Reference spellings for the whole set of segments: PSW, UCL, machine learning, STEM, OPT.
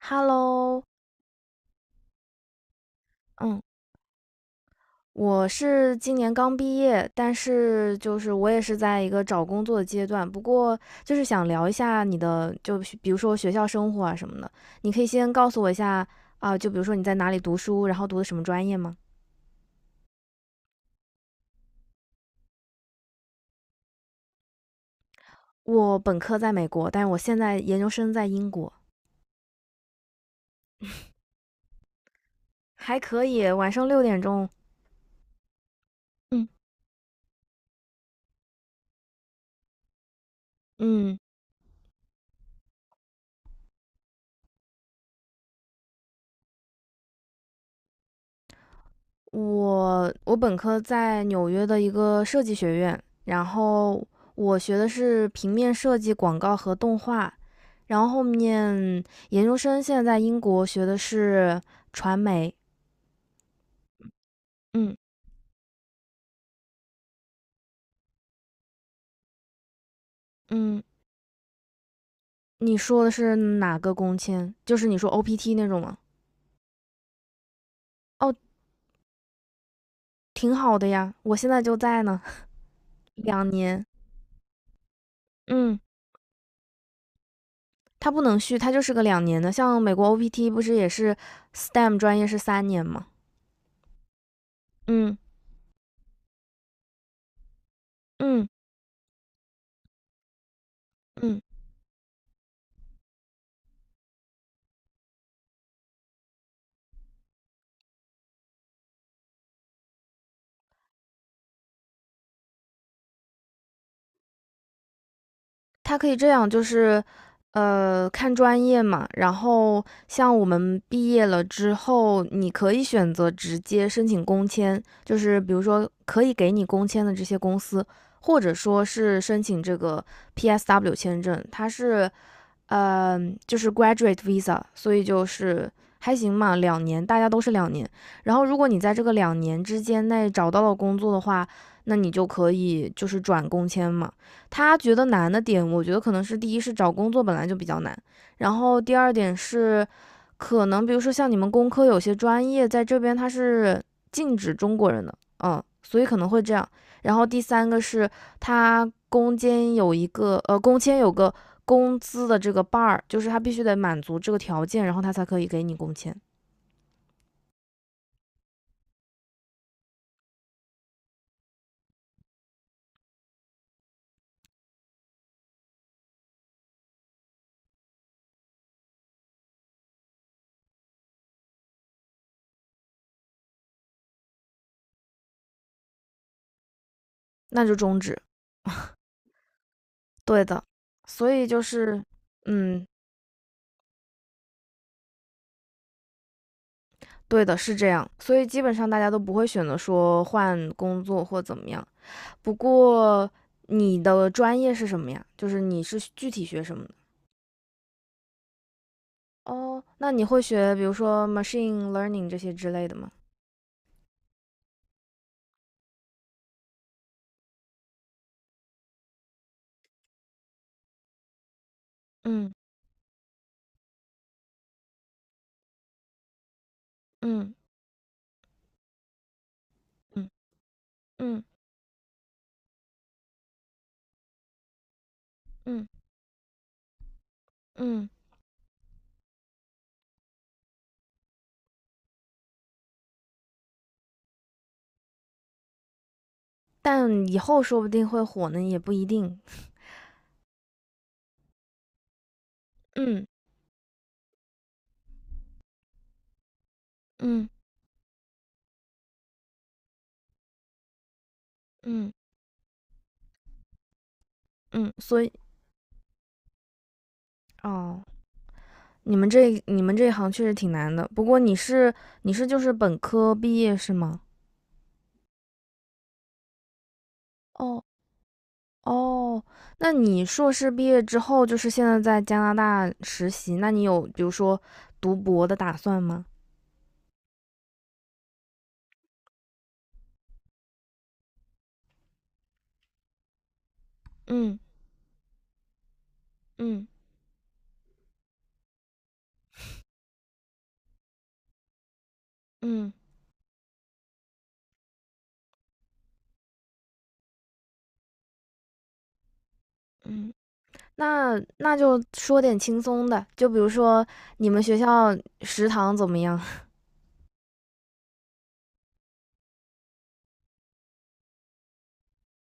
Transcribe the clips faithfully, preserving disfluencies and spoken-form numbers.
Hello，嗯，我是今年刚毕业，但是就是我也是在一个找工作的阶段。不过就是想聊一下你的，就比如说学校生活啊什么的，你可以先告诉我一下啊，就比如说你在哪里读书，然后读的什么专业吗？我本科在美国，但是我现在研究生在英国，还可以。晚上六点钟，嗯嗯。我我本科在纽约的一个设计学院，然后我学的是平面设计、广告和动画，然后后面研究生现在在英国学的是传媒。嗯嗯，你说的是哪个工签？就是你说 O P T 那种吗？哦，挺好的呀，我现在就在呢，两年。嗯，它不能续，它就是个两年的。像美国 O P T 不是也是 S T E M 专业是三年吗？嗯嗯嗯。它可以这样，就是，呃，看专业嘛。然后像我们毕业了之后，你可以选择直接申请工签，就是比如说可以给你工签的这些公司，或者说是申请这个 P S W 签证，它是呃，就是 graduate visa，所以就是还行嘛，两年，大家都是两年。然后如果你在这个两年之间内找到了工作的话，那你就可以就是转工签嘛。他觉得难的点，我觉得可能是第一是找工作本来就比较难，然后第二点是，可能比如说像你们工科有些专业在这边它是禁止中国人的，嗯，所以可能会这样。然后第三个是他攻坚有一个呃，工签有个工资的这个 bar，就是他必须得满足这个条件，然后他才可以给你工签，那就终止。对的，所以就是嗯，对的，是这样。所以基本上大家都不会选择说换工作或怎么样。不过你的专业是什么呀？就是你是具体学什么的？哦，那你会学比如说 machine learning 这些之类的吗？嗯嗯嗯嗯嗯嗯。嗯嗯。但以后说不定会火呢，也不一定。嗯嗯嗯嗯，所以哦，你们这你们这一行确实挺难的。不过你是你是就是本科毕业是吗？哦哦，那你硕士毕业之后，就是现在在加拿大实习，那你有比如说读博的打算吗？嗯嗯嗯嗯，那那就说点轻松的，就比如说你们学校食堂怎么样？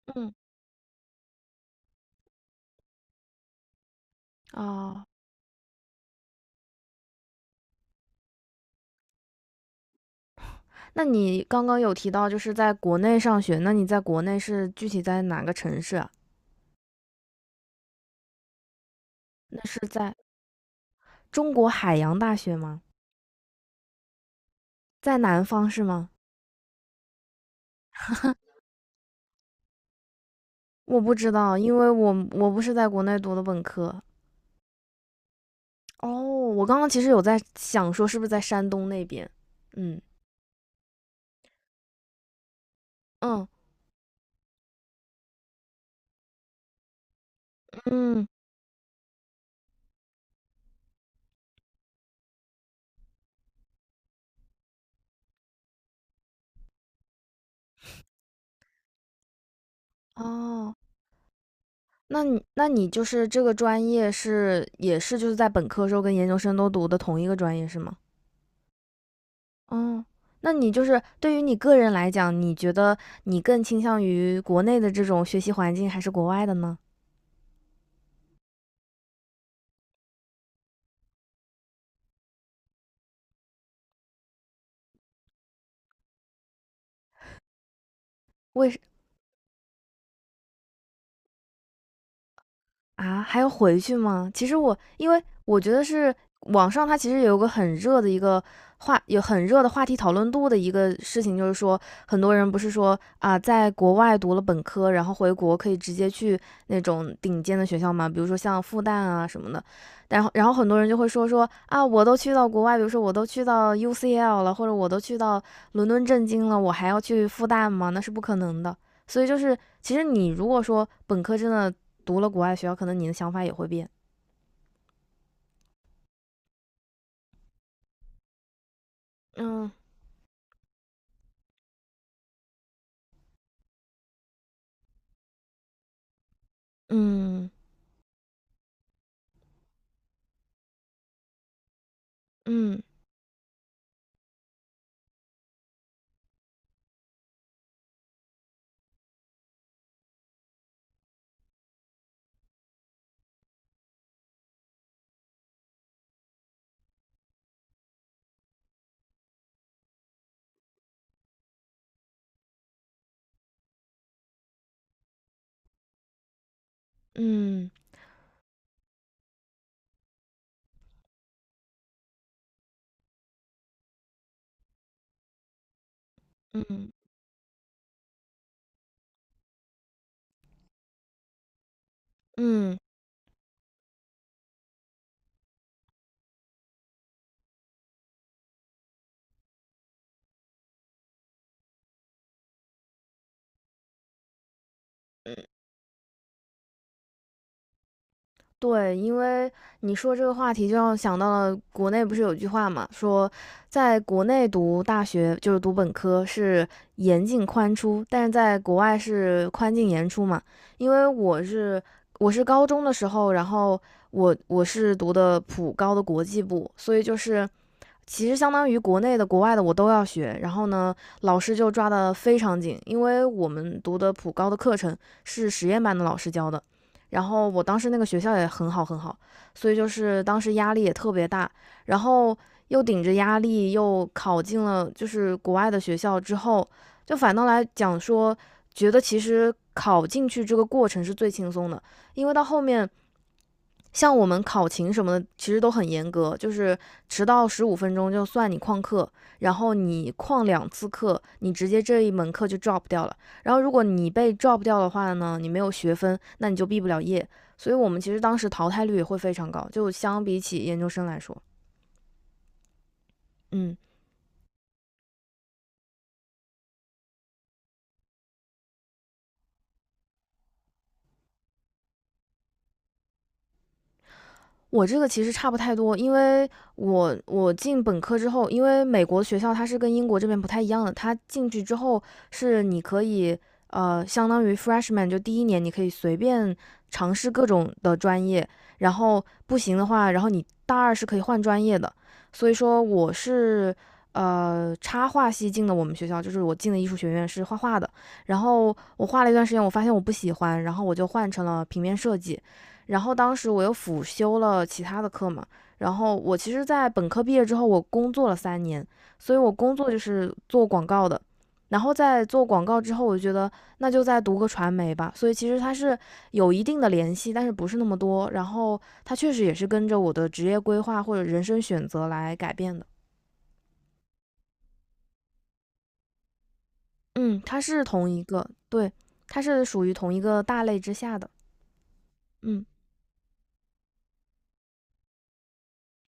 嗯哦，那你刚刚有提到就是在国内上学，那你在国内是具体在哪个城市啊？那是在中国海洋大学吗？在南方是吗？我不知道，因为我我不是在国内读的本科。哦，我刚刚其实有在想说是不是在山东那边？嗯嗯嗯，哦，那你那你就是这个专业是也是就是在本科时候跟研究生都读的同一个专业是吗？嗯，那你就是对于你个人来讲，你觉得你更倾向于国内的这种学习环境还是国外的呢？为啊，还要回去吗？其实我因为我觉得是网上它其实有个很热的一个话，有很热的话题讨论度的一个事情，就是说很多人不是说啊，在国外读了本科，然后回国可以直接去那种顶尖的学校嘛，比如说像复旦啊什么的。然后然后很多人就会说说啊，我都去到国外，比如说我都去到 U C L 了，或者我都去到伦敦政经了，我还要去复旦吗？那是不可能的。所以就是，其实你如果说本科真的读了国外学校，可能你的想法也会变。嗯嗯嗯嗯嗯嗯，对，因为你说这个话题，就让我想到了国内不是有句话嘛，说在国内读大学就是读本科是严进宽出，但是在国外是宽进严出嘛。因为我是我是高中的时候，然后我我是读的普高的国际部，所以就是其实相当于国内的、国外的我都要学。然后呢，老师就抓得非常紧，因为我们读的普高的课程是实验班的老师教的。然后我当时那个学校也很好很好，所以就是当时压力也特别大，然后又顶着压力又考进了就是国外的学校之后，就反倒来讲说，觉得其实考进去这个过程是最轻松的，因为到后面像我们考勤什么的，其实都很严格，就是迟到十五分钟就算你旷课，然后你旷两次课，你直接这一门课就 drop 掉了。然后如果你被 drop 掉的话呢，你没有学分，那你就毕不了业。所以我们其实当时淘汰率也会非常高，就相比起研究生来说，嗯。我这个其实差不太多，因为我我进本科之后，因为美国学校它是跟英国这边不太一样的，它进去之后是你可以呃，相当于 freshman 就第一年你可以随便尝试各种的专业，然后不行的话，然后你大二是可以换专业的，所以说我是呃插画系进的我们学校，就是我进的艺术学院是画画的，然后我画了一段时间，我发现我不喜欢，然后我就换成了平面设计。然后当时我又辅修了其他的课嘛，然后我其实，在本科毕业之后，我工作了三年，所以我工作就是做广告的。然后在做广告之后，我觉得那就再读个传媒吧。所以其实它是有一定的联系，但是不是那么多。然后它确实也是跟着我的职业规划或者人生选择来改变的。嗯，它是同一个，对，它是属于同一个大类之下的。嗯，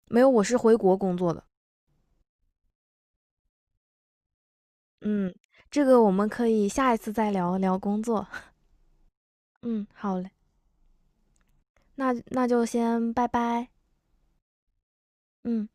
没有，我是回国工作的。嗯，这个我们可以下一次再聊聊工作。嗯，好嘞，那那就先拜拜。嗯。